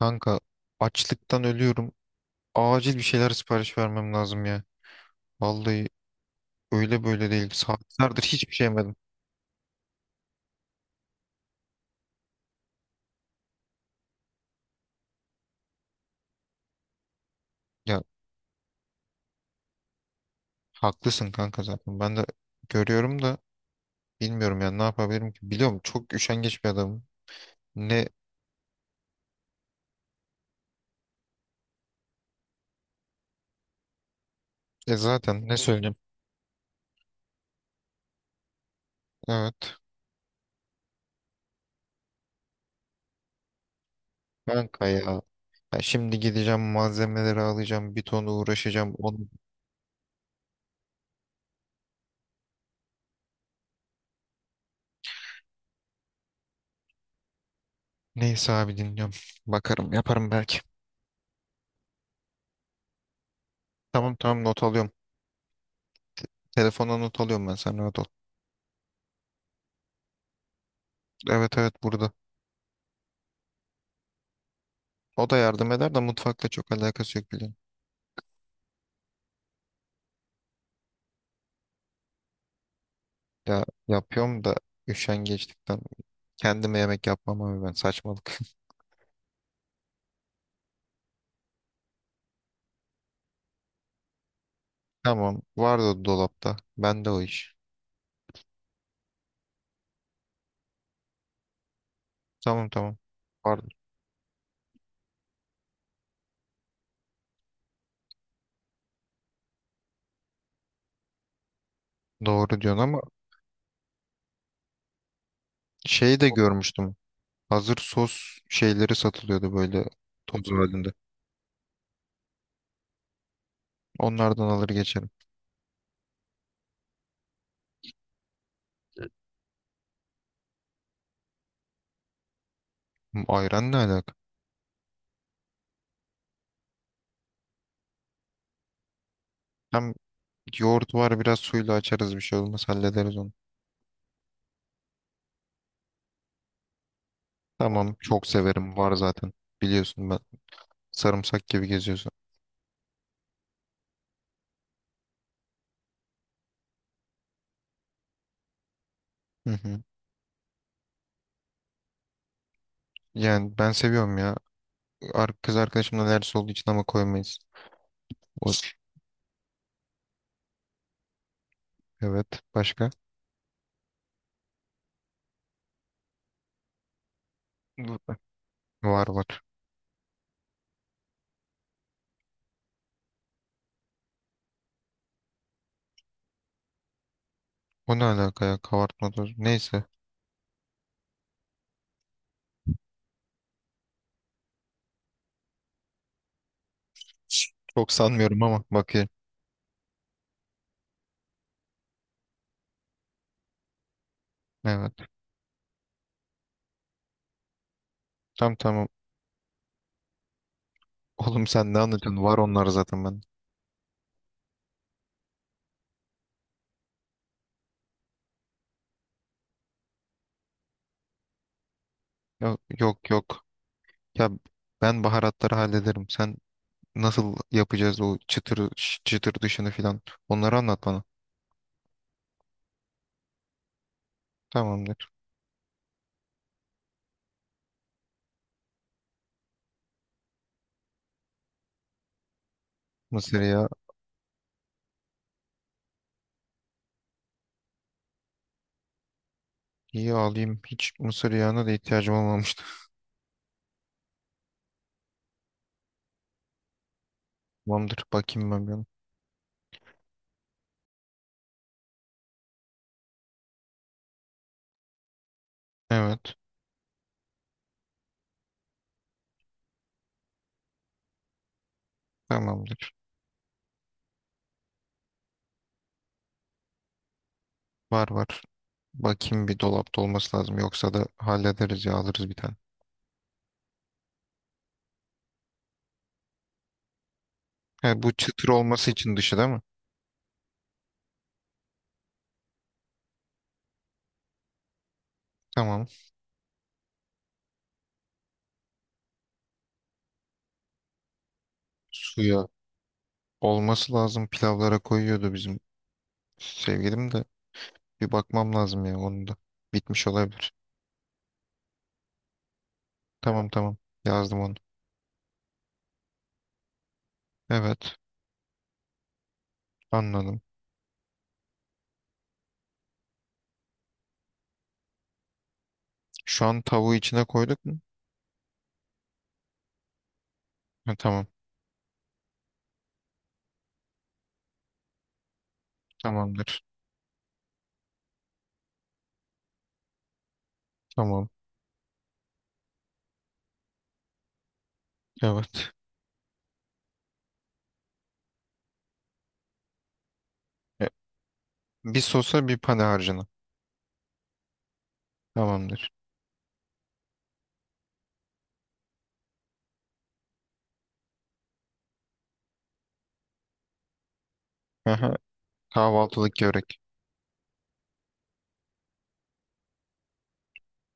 Kanka, açlıktan ölüyorum. Acil bir şeyler sipariş vermem lazım ya. Vallahi öyle böyle değil. Saatlerdir hiçbir şey yemedim. Ya, haklısın kanka zaten. Ben de görüyorum da bilmiyorum ya ne yapabilirim ki. Biliyorum çok üşengeç bir adamım. Ne e zaten ne söyleyeyim. Evet. Kanka ya. Ya şimdi gideceğim malzemeleri alacağım. Bir ton uğraşacağım. Onu... Neyse abi, dinliyorum. Bakarım, yaparım belki. Tamam, tamam, not alıyorum. Telefona not alıyorum, ben, sen rahat ol. Evet, evet, burada. O da yardım eder de mutfakla çok alakası yok, biliyorum. Ya yapıyorum da üşengeçlikten kendime yemek yapmam abi, ben saçmalık. Tamam, vardı dolapta. Bende o iş. Tamam, tamam. Var. Doğru diyorsun ama şeyi de görmüştüm. Hazır sos şeyleri satılıyordu böyle, toz halinde. Onlardan alır geçerim. Hmm, ayran ne alaka? Hem yoğurt var, biraz suyla açarız, bir şey olmaz, hallederiz onu. Tamam, çok severim, var zaten. Biliyorsun ben sarımsak gibi geziyorsun. Hı hı. Yani ben seviyorum ya. Kız arkadaşımla ders olduğu için ama koymayız. O, evet. Başka? Var, var. O ne alaka ya? Kabartma tozu. Neyse. Çok sanmıyorum ama bakayım. Evet. Tamam, tamam. Oğlum sen ne anlatıyorsun? Var onlar zaten, ben. Yok, yok, yok. Ya ben baharatları hallederim. Sen nasıl yapacağız o çıtır çıtır dışını filan. Onları anlat bana. Tamamdır. Mısır yağı. İyi, alayım. Hiç mısır yağına da ihtiyacım olmamıştı. Tamamdır. Bakayım ben bir ona. Evet. Tamamdır. Var, var. Bakayım, bir dolapta olması lazım. Yoksa da hallederiz ya, alırız bir tane. He, bu çıtır olması için dışı değil mi? Tamam. Suya, olması lazım. Pilavlara koyuyordu bizim sevgilim de. Bir bakmam lazım ya onun da. Bitmiş olabilir. Tamam, tamam. Yazdım onu. Evet. Anladım. Şu an tavuğu içine koyduk mu? Ha, tamam. Tamamdır. Tamam. Evet. E, bir sosa, bir pane harcına. Tamamdır. Aha, kahvaltılık börek.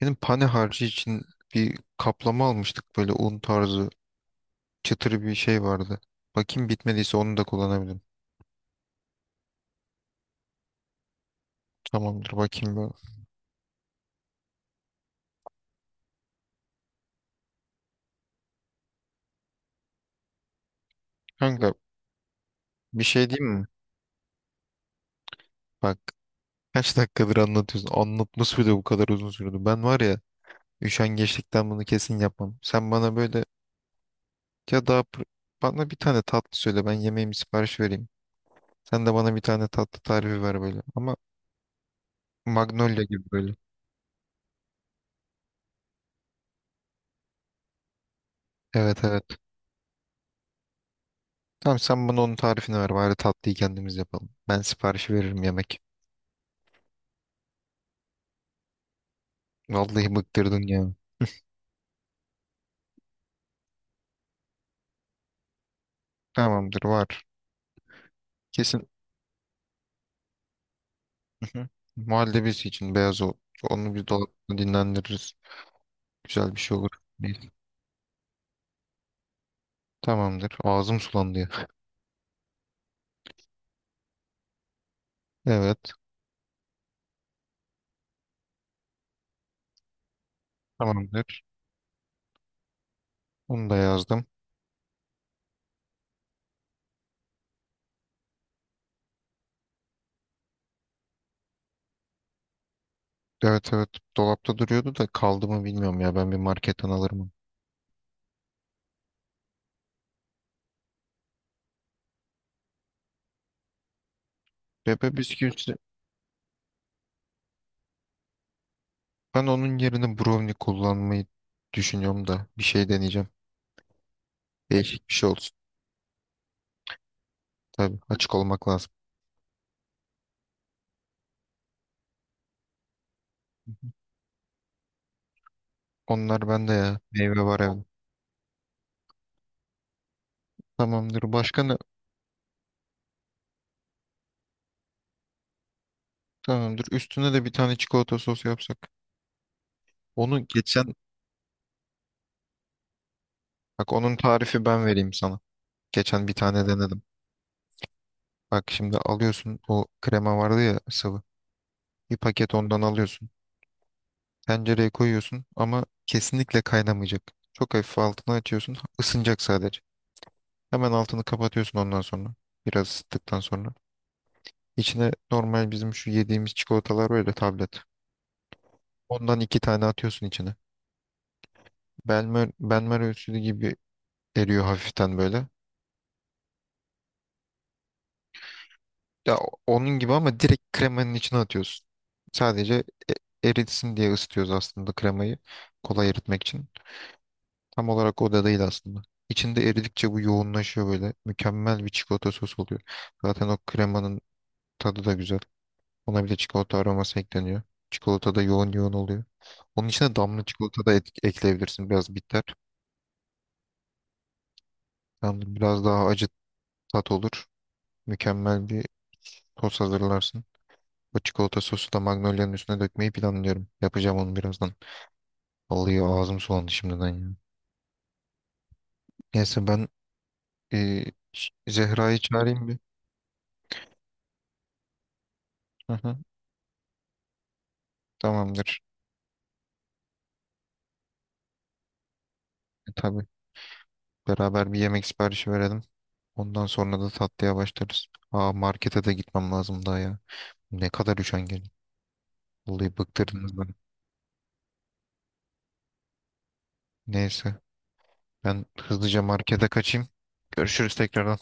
Benim pane harcı için bir kaplama almıştık, böyle un tarzı, çıtırı bir şey vardı. Bakayım, bitmediyse onu da kullanabilirim. Tamamdır, bakayım ben. Kanka, bir şey diyeyim mi? Bak, kaç dakikadır anlatıyorsun. Anlatması bile bu kadar uzun sürdü. Ben var ya, üşengeçlikten bunu kesin yapmam. Sen bana böyle ya, daha bana bir tane tatlı söyle, ben yemeğimi sipariş vereyim. Sen de bana bir tane tatlı tarifi ver böyle. Ama Magnolia gibi böyle. Evet, evet. Tamam, sen bana onun tarifini ver bari, tatlıyı kendimiz yapalım. Ben siparişi veririm, yemek. Vallahi bıktırdın ya. Tamamdır, var. Kesin. Hı hı. Muhallebisi için beyaz o. Onu bir dolapta dinlendiririz. Güzel bir şey olur. Neyse. Tamamdır. Ağzım sulandı ya. Evet. Tamamdır. Onu da yazdım. Evet, evet. Dolapta duruyordu da kaldı mı bilmiyorum ya. Ben bir marketten alırım. Bebe bisküvisi. Ben onun yerine brownie kullanmayı düşünüyorum da. Bir şey deneyeceğim. Değişik bir şey olsun. Tabii, açık olmak lazım. Onlar bende ya. Meyve var evde. Tamamdır. Başka ne? Tamamdır. Üstüne de bir tane çikolata sosu yapsak. Onu geçen, bak onun tarifi ben vereyim sana. Geçen bir tane denedim. Bak, şimdi alıyorsun, o krema vardı ya, sıvı. Bir paket ondan alıyorsun. Tencereye koyuyorsun ama kesinlikle kaynamayacak. Çok hafif altını açıyorsun. Isınacak sadece. Hemen altını kapatıyorsun ondan sonra. Biraz ısıttıktan sonra. İçine normal bizim şu yediğimiz çikolatalar, böyle tablet. Ondan iki tane atıyorsun içine. Benmer ölçülü gibi eriyor hafiften böyle. Ya onun gibi ama direkt kremanın içine atıyorsun. Sadece eritsin diye ısıtıyoruz aslında kremayı. Kolay eritmek için. Tam olarak o da değil aslında. İçinde eridikçe bu yoğunlaşıyor böyle. Mükemmel bir çikolata sosu oluyor. Zaten o kremanın tadı da güzel. Ona bir de çikolata aroması ekleniyor. Çikolata da yoğun yoğun oluyor. Onun içine damla çikolata da ekleyebilirsin. Biraz bitter. Yani biraz daha acı tat olur. Mükemmel bir sos hazırlarsın. Bu çikolata sosu da Magnolia'nın üstüne dökmeyi planlıyorum. Yapacağım onu birazdan. Vallahi ağzım sulandı şimdiden ya. Neyse ben, e, Zehra'yı çağırayım bir. Hı hı. Tamamdır. E, tabii. Beraber bir yemek siparişi verelim. Ondan sonra da tatlıya başlarız. Aa, markete de gitmem lazım daha ya. Ne kadar üşengelim. Vallahi bıktırdınız beni. Neyse, ben hızlıca markete kaçayım. Görüşürüz tekrardan.